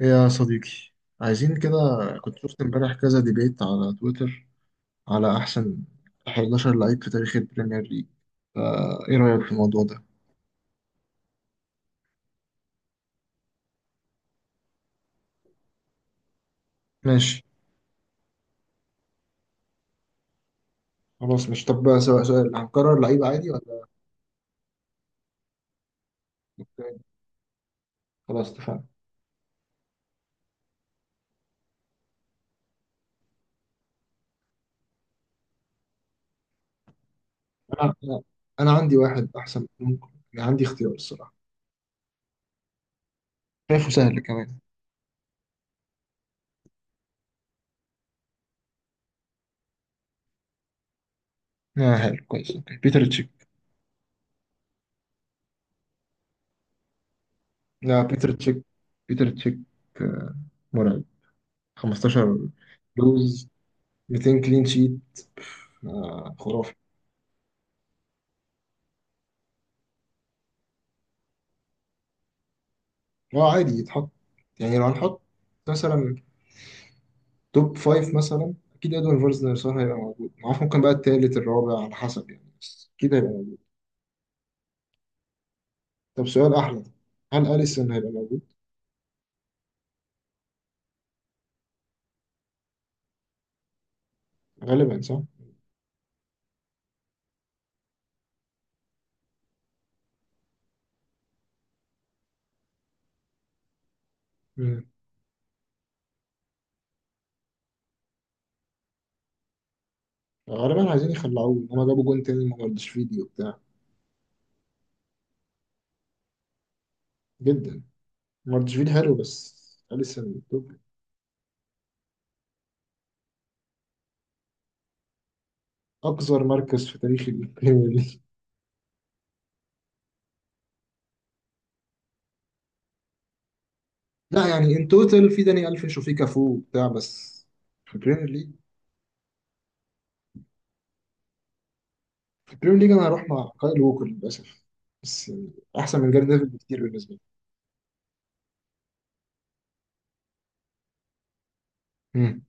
إيه يا صديقي، عايزين كده. كنت شفت امبارح كذا ديبيت على تويتر على أحسن 11 لعيب في تاريخ البريمير ليج. فا إيه رأيك في الموضوع ده؟ ماشي. خلاص مش طب بقى، سؤال سؤال هنكرر لعيب عادي ولا؟ أوكي، خلاص اتفقنا. أنا أنا عندي واحد أحسن ممكن، يعني عندي اختيار الصراحة. شايفه سهل كمان. آه حلو كويس، أوكي بيتر تشيك. لا بيتر تشيك، بيتر تشيك. آه، مرعب. 15 لوز، 200 كلين شيت. آه خرافي. اه عادي يتحط، يعني لو هنحط مثلا توب فايف مثلا أكيد إدوارد فيرزنر هيبقى موجود، معرفش ممكن بقى التالت الرابع على حسب يعني، بس أكيد هيبقى موجود. طب سؤال أحلى ده. هل أليسون هيبقى موجود؟ غالبا صح؟ مم. غالبا عايزين يخلعوه إن هما جابوا جون تاني من ماردشفيلي وبتاع. جدا. ماردشفيلي حلو بس، أليسون توب. أقذر مركز في تاريخ البريمير ليج. لا يعني إن توتال في داني ألفيش وفي كافو وبتاع بس. في البريمير ليج، في البريمير ليج انا هروح مع كايل ووكر للاسف، بس احسن من جاري نيفل بكتير بالنسبه لي. امم.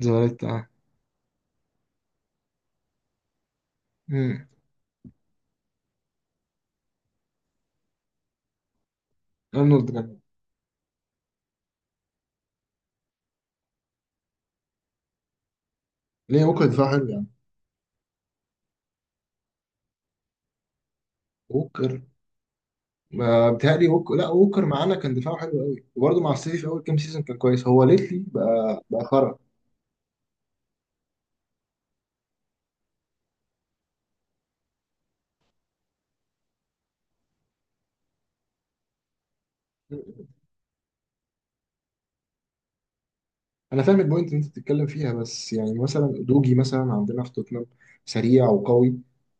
زمالك اه. امم. ارنولد كان. ليه ووكر دفاع حلو يعني؟ ووكر. ما بتهيألي ووكر، لا ووكر معانا كان دفاعه حلو قوي وبرضه مع السيتي في اول كام سيزون كان كويس، هو ليتلي بقى خرا. انا فاهم البوينت اللي انت بتتكلم فيها، بس يعني مثلا دوجي مثلا عندنا في توتنهام سريع وقوي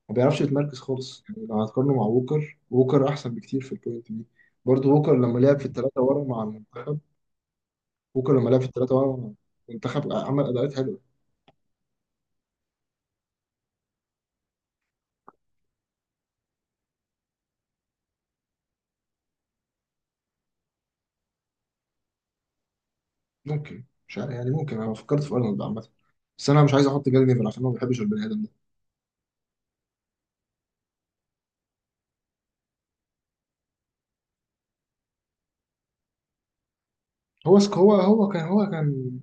ما بيعرفش يتمركز خالص، يعني لو هتقارنه مع ووكر، ووكر احسن بكتير في البوينت دي. برضه ووكر لما لعب في الثلاثه ورا مع المنتخب. بوكر لما لعب في الثلاثة بقى منتخب عمل أداءات حلوة. ممكن مش عارف يعني، ممكن أنا فكرت في أرنولد عامة، بس أنا مش عايز أحط جاري نيفل عشان أنا ما بحبش البني آدم ده. هو سك هو هو كان هو كان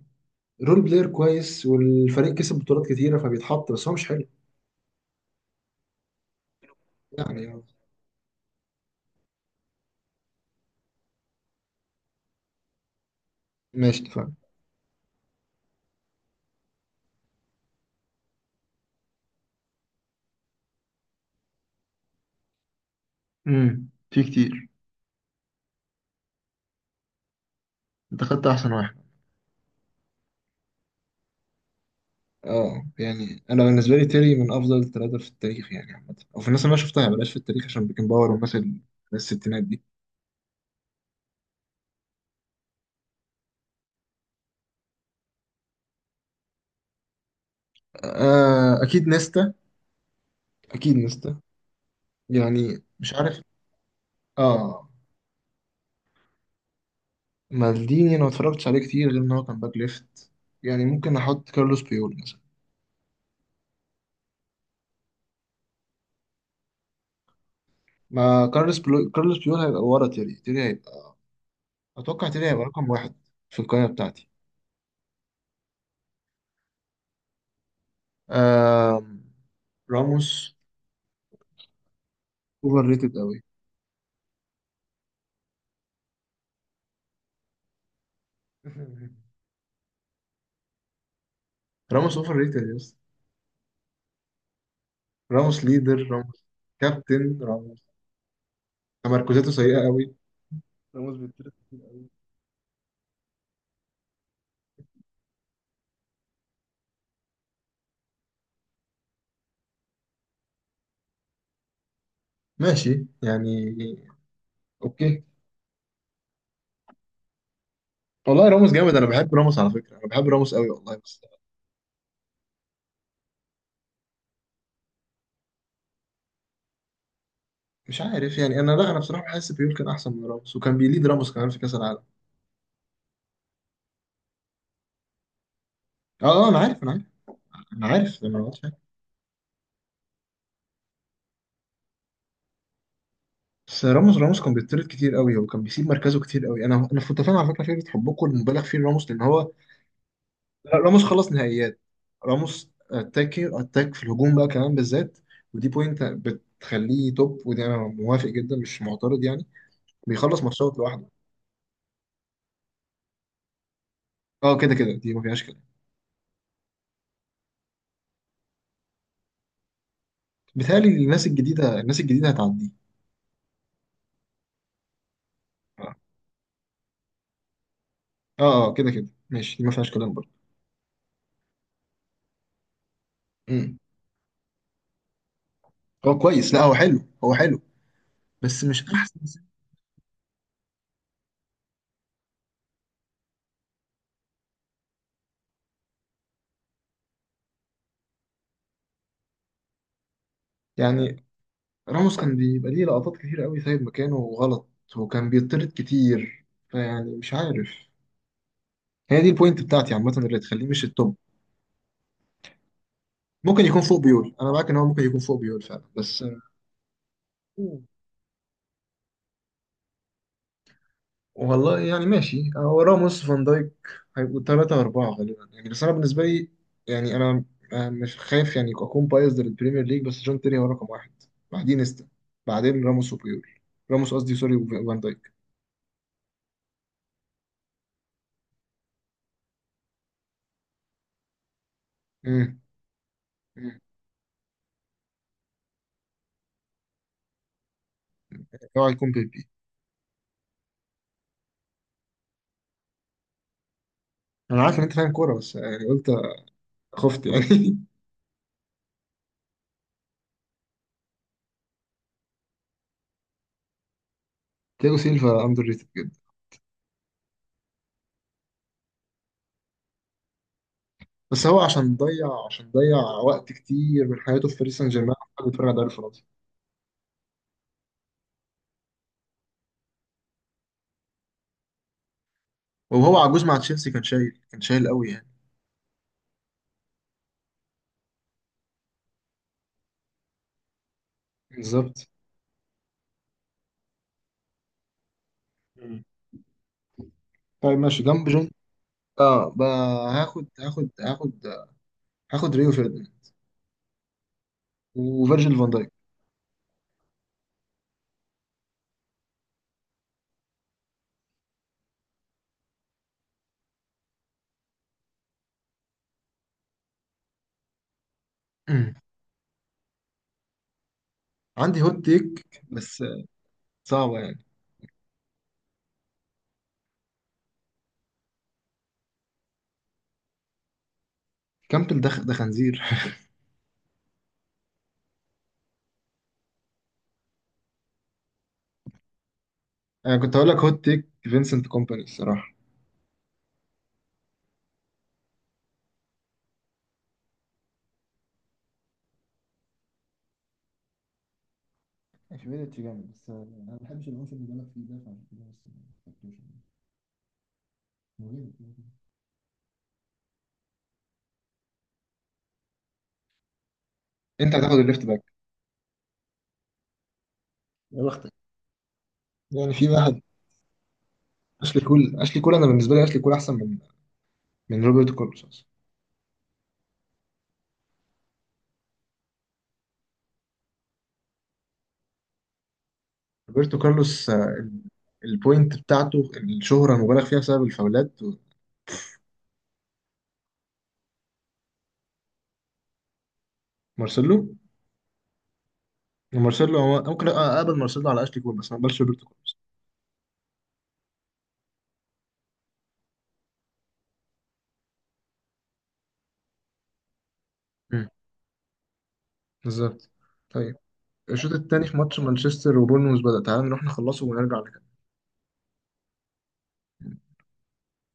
رول بلاير كويس والفريق كسب بطولات كتيرة فبيتحط، بس هو مش حلو يعني. ماشي اتفقنا. امم. في كتير. انت خدت احسن واحد. اه يعني انا بالنسبه لي تيري من افضل الثلاثه في التاريخ يعني عامه، او في الناس اللي انا شفتها بلاش في التاريخ عشان بيكن باور والناس الناس الستينات دي. آه اكيد نيستا، اكيد نيستا. يعني مش عارف. اه. مالديني انا ما اتفرجتش عليه كتير غير ان هو كان باك ليفت، يعني ممكن احط كارلوس بيول مثلا. ما كارلوس بيول، كارلوس بيول هيبقى ورا تيري. تيري هيبقى، اتوقع تيري هيبقى رقم واحد في القائمه بتاعتي. آم... راموس اوفر ريتد قوي. راموس اوفر ريتد، يس. راموس ليدر، راموس كابتن، راموس تمركزاته سيئه قوي، راموس بيتطرد كتير قوي. ماشي يعني. اوكي. والله راموس جامد، انا بحب راموس على فكره، انا بحب راموس قوي والله، بس مش عارف يعني. انا لا انا بصراحه بحس بيول كان احسن من راموس، وكان بيليد راموس كمان في كاس العالم. اه انا عارف، انا عارف انا عارف. بس راموس كان بيطرد كتير قوي وكان بيسيب مركزه كتير قوي. انا كنت فاهم على فكره فكره حبكم المبالغ فيه لراموس لان هو، لا، راموس خلص نهائيات. راموس اتاكي اتاك في الهجوم بقى كمان بالذات، ودي بوينت بتخليه توب، ودي انا موافق جدا مش معترض يعني. بيخلص ماتشات لوحده. اه كده كده دي ما فيهاش كلام. بيتهيألي الناس الجديده، الناس الجديده هتعديه. اه. اه كده كده ماشي، دي ما فيهاش كلام. برضه هو كويس، لا هو حلو، هو حلو بس مش احسن سيد. يعني راموس كان بيبقى ليه لقطات كتير قوي سايب مكانه غلط، وكان بيطرد كتير، فيعني مش عارف. هي دي البوينت بتاعتي عامة اللي تخليه مش التوب. ممكن يكون فوق بيول، انا معاك ان هو ممكن يكون فوق بيول فعلا، بس. والله يعني ماشي، هو راموس فان دايك هيبقوا ثلاثة أربعة غالبا يعني، بس أنا بالنسبة لي يعني، أنا مش خايف يعني أكون بايظ للبريمير ليج، بس جون تيري هو رقم واحد، بعدين نيستا، بعدين راموس وبيول. راموس قصدي سوري، وفان دايك. امم. اوعى يكون بيبي. انا عارف ان انت فاهم كوره، بس يعني قلت خفت يعني. تياجو سيلفا اندر ريتد جدا. بس هو عشان ضيع، عشان ضيع وقت كتير من حياته في باريس سان جيرمان عمال بيتفرج على الدوري الفرنسي. وهو عجوز مع تشيلسي كان شايل، كان شايل قوي يعني. بالظبط. مم. طيب ماشي جنب جون. اه بقى، هاخد هاخد هاخد هاخد ريو فيرديناند وفيرجيل فان دايك. أمم. عندي هوت تيك بس، صعبة يعني. كامبل ده ده خنزير. انا كنت هقول لك هوت تيك فينسنت كومباني الصراحة. اشمعنى جامد، بس انا ما بحبش العنف اللي بالك فيه ده، فعشان كده بس ما خدتوش يعني. هو جامد كده كده. انت هتاخد الليفت باك، يا بختك. يعني في واحد. اشلي كول، اشلي كول انا بالنسبه لي اشلي كول احسن من، من روبرتو كارلوس أصلاً. روبرتو كارلوس البوينت بتاعته الشهره مبالغ فيها بسبب الفاولات. مارسيلو. مارسيلو هو ممكن اقبل مارسيلو على اشلي كول، بس ما اقبلش روبرتو كارلوس. مم. بالظبط. طيب الشوط الثاني في ماتش مانشستر وبورنموث بدأ، تعال نروح نخلصه ونرجع نكمل.